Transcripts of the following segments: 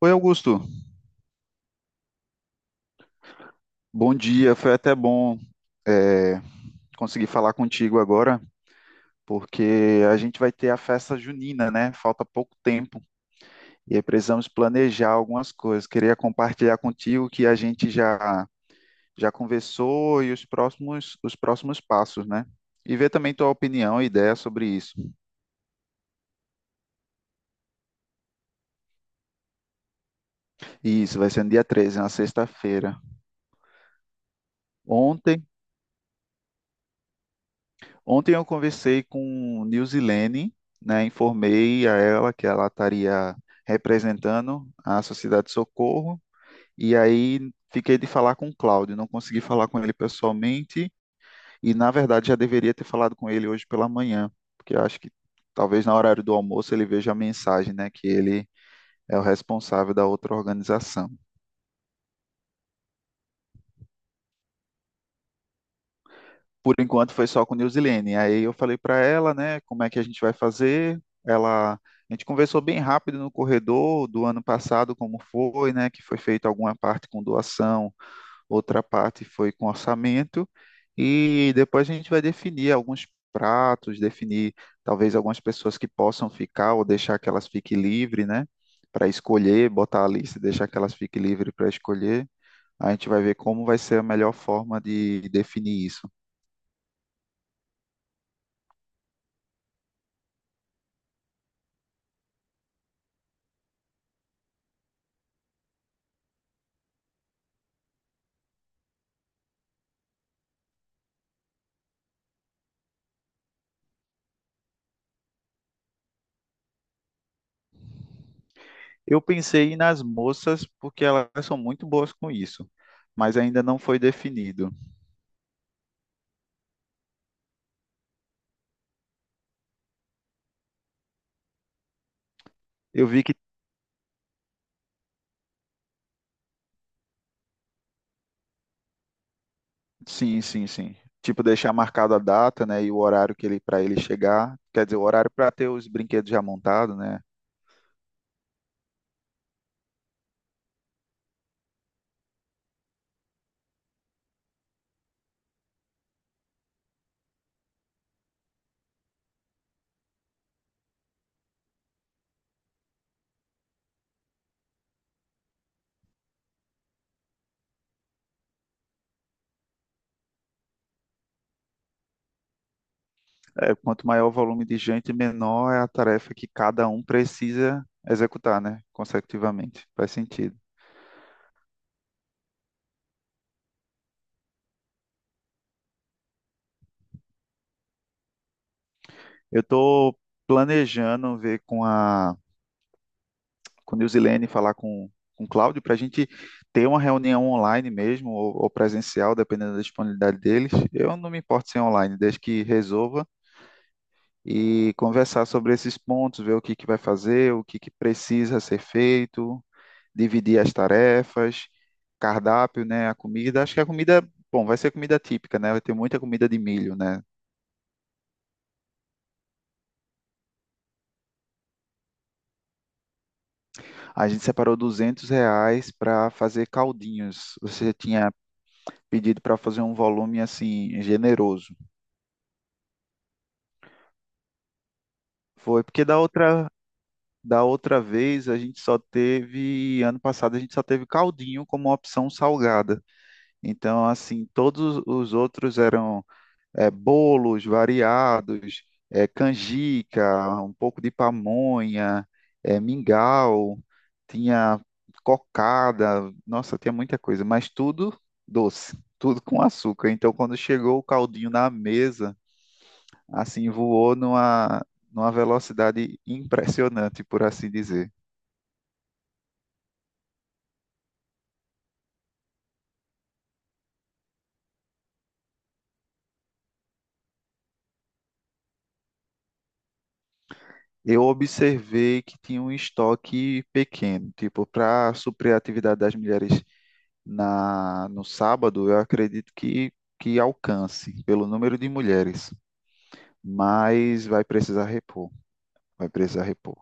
Oi, Augusto. Bom dia. Foi até bom é, conseguir falar contigo agora, porque a gente vai ter a festa junina, né? Falta pouco tempo e aí precisamos planejar algumas coisas. Queria compartilhar contigo que a gente já conversou e os próximos passos, né? E ver também tua opinião e ideia sobre isso. E isso vai ser no dia 13, na sexta-feira. Ontem Ontem eu conversei com Nilzilene, né? Informei a ela que ela estaria representando a Sociedade de Socorro, e aí fiquei de falar com o Cláudio, não consegui falar com ele pessoalmente, e na verdade já deveria ter falado com ele hoje pela manhã, porque eu acho que talvez na horário do almoço ele veja a mensagem, né? Que ele é o responsável da outra organização. Por enquanto foi só com Nilzilene. Aí eu falei para ela, né, como é que a gente vai fazer. Ela, a gente conversou bem rápido no corredor do ano passado, como foi, né, que foi feita alguma parte com doação, outra parte foi com orçamento. E depois a gente vai definir alguns pratos, definir talvez algumas pessoas que possam ficar ou deixar que elas fiquem livres, né, para escolher, botar a lista e deixar que elas fiquem livres para escolher. A gente vai ver como vai ser a melhor forma de definir isso. Eu pensei nas moças porque elas são muito boas com isso, mas ainda não foi definido. Eu vi que sim, sim, sim. Tipo, deixar marcado a data, né, e o horário que ele para ele chegar, quer dizer, o horário para ter os brinquedos já montados, né? É, quanto maior o volume de gente, menor é a tarefa que cada um precisa executar, né, consecutivamente. Faz sentido. Eu estou planejando ver com a com Nilzilene, falar com o Cláudio, para a gente ter uma reunião online mesmo, ou presencial, dependendo da disponibilidade deles. Eu não me importo se é online, desde que resolva e conversar sobre esses pontos, ver o que que vai fazer, o que que precisa ser feito, dividir as tarefas, cardápio, né, a comida. Acho que a comida, bom, vai ser comida típica, né? Vai ter muita comida de milho, né? A gente separou R$ 200 para fazer caldinhos. Você tinha pedido para fazer um volume assim generoso. Foi porque da outra vez a gente só teve, ano passado a gente só teve caldinho como opção salgada. Então, assim, todos os outros eram bolos variados, canjica, um pouco de pamonha, mingau, tinha cocada, nossa, tinha muita coisa, mas tudo doce, tudo com açúcar. Então, quando chegou o caldinho na mesa, assim, voou numa, numa velocidade impressionante, por assim dizer. Eu observei que tinha um estoque pequeno, tipo, para suprir a atividade das mulheres na, no sábado, eu acredito que alcance pelo número de mulheres, mas vai precisar repor, vai precisar repor.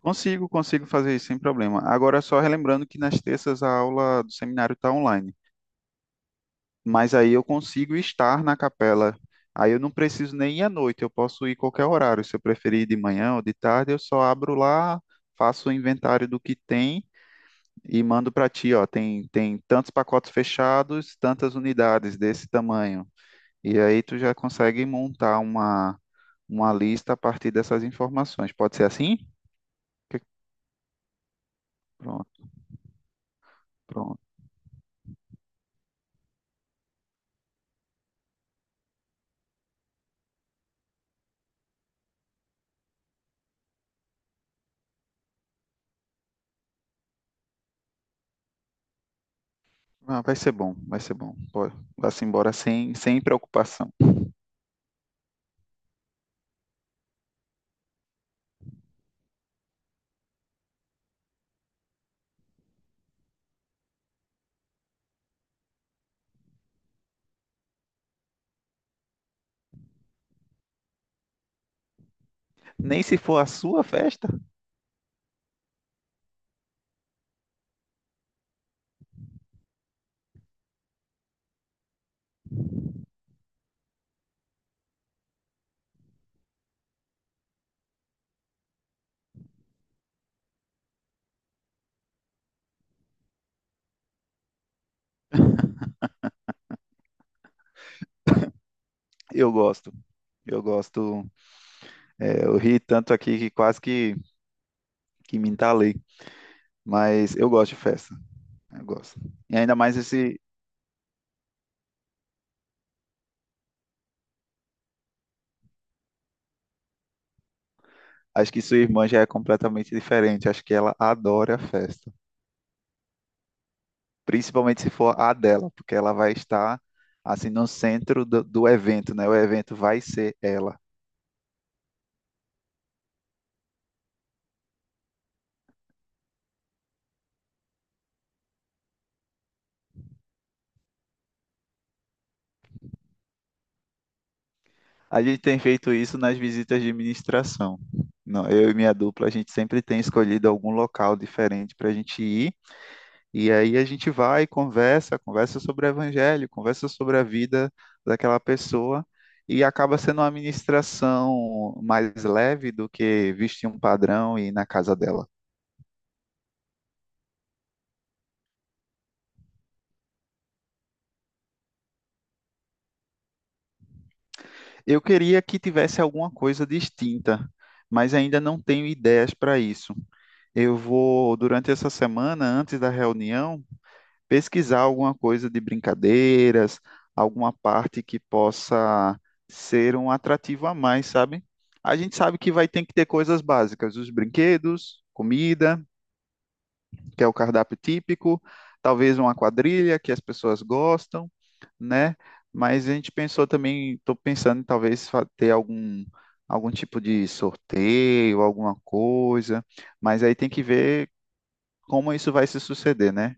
Consigo, consigo fazer isso sem problema. Agora, só relembrando que nas terças a aula do seminário está online. Mas aí eu consigo estar na capela. Aí eu não preciso nem ir à noite, eu posso ir qualquer horário. Se eu preferir ir de manhã ou de tarde, eu só abro lá, faço o inventário do que tem e mando para ti, ó, tem tantos pacotes fechados, tantas unidades desse tamanho. E aí tu já consegue montar uma lista a partir dessas informações. Pode ser assim? Que- pronto, pronto. Ah, vai ser bom, vai ser bom. Pode, vá-se embora sem, sem preocupação. Nem se for a sua festa. Eu gosto. Eu gosto. É, eu ri tanto aqui que quase que me entalei. Mas eu gosto de festa. Eu gosto. E ainda mais esse. Acho que sua irmã já é completamente diferente. Acho que ela adora festa. Principalmente se for a dela, porque ela vai estar assim no centro do, do evento, né? O evento vai ser ela. A gente tem feito isso nas visitas de administração. Não, eu e minha dupla, a gente sempre tem escolhido algum local diferente para a gente ir. E aí a gente vai, conversa, conversa sobre o evangelho, conversa sobre a vida daquela pessoa e acaba sendo uma ministração mais leve do que vestir um padrão e ir na casa dela. Eu queria que tivesse alguma coisa distinta, mas ainda não tenho ideias para isso. Eu vou, durante essa semana, antes da reunião, pesquisar alguma coisa de brincadeiras, alguma parte que possa ser um atrativo a mais, sabe? A gente sabe que vai ter que ter coisas básicas, os brinquedos, comida, que é o cardápio típico, talvez uma quadrilha que as pessoas gostam, né? Mas a gente pensou também, estou pensando em talvez fa- ter algum algum tipo de sorteio, alguma coisa, mas aí tem que ver como isso vai se suceder, né?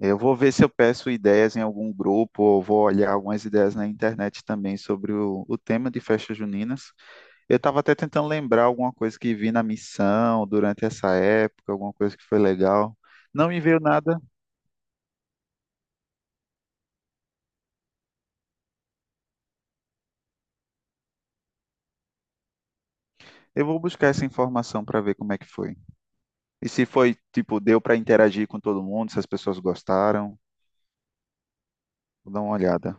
Eu vou ver se eu peço ideias em algum grupo, ou vou olhar algumas ideias na internet também sobre o tema de festas juninas. Eu estava até tentando lembrar alguma coisa que vi na missão durante essa época, alguma coisa que foi legal. Não me veio nada. Eu vou buscar essa informação para ver como é que foi. E se foi, tipo, deu para interagir com todo mundo, se as pessoas gostaram. Vou dar uma olhada.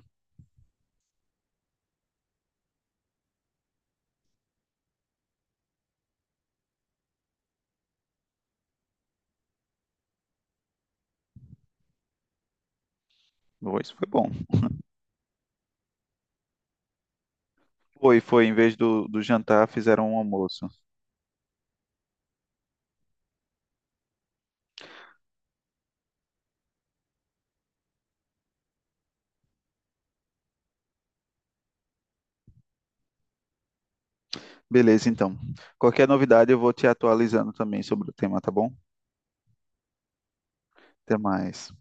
Bom, isso foi bom. Foi, foi. Em vez do, do jantar, fizeram um almoço. Beleza, então. Qualquer novidade, eu vou te atualizando também sobre o tema, tá bom? Até mais.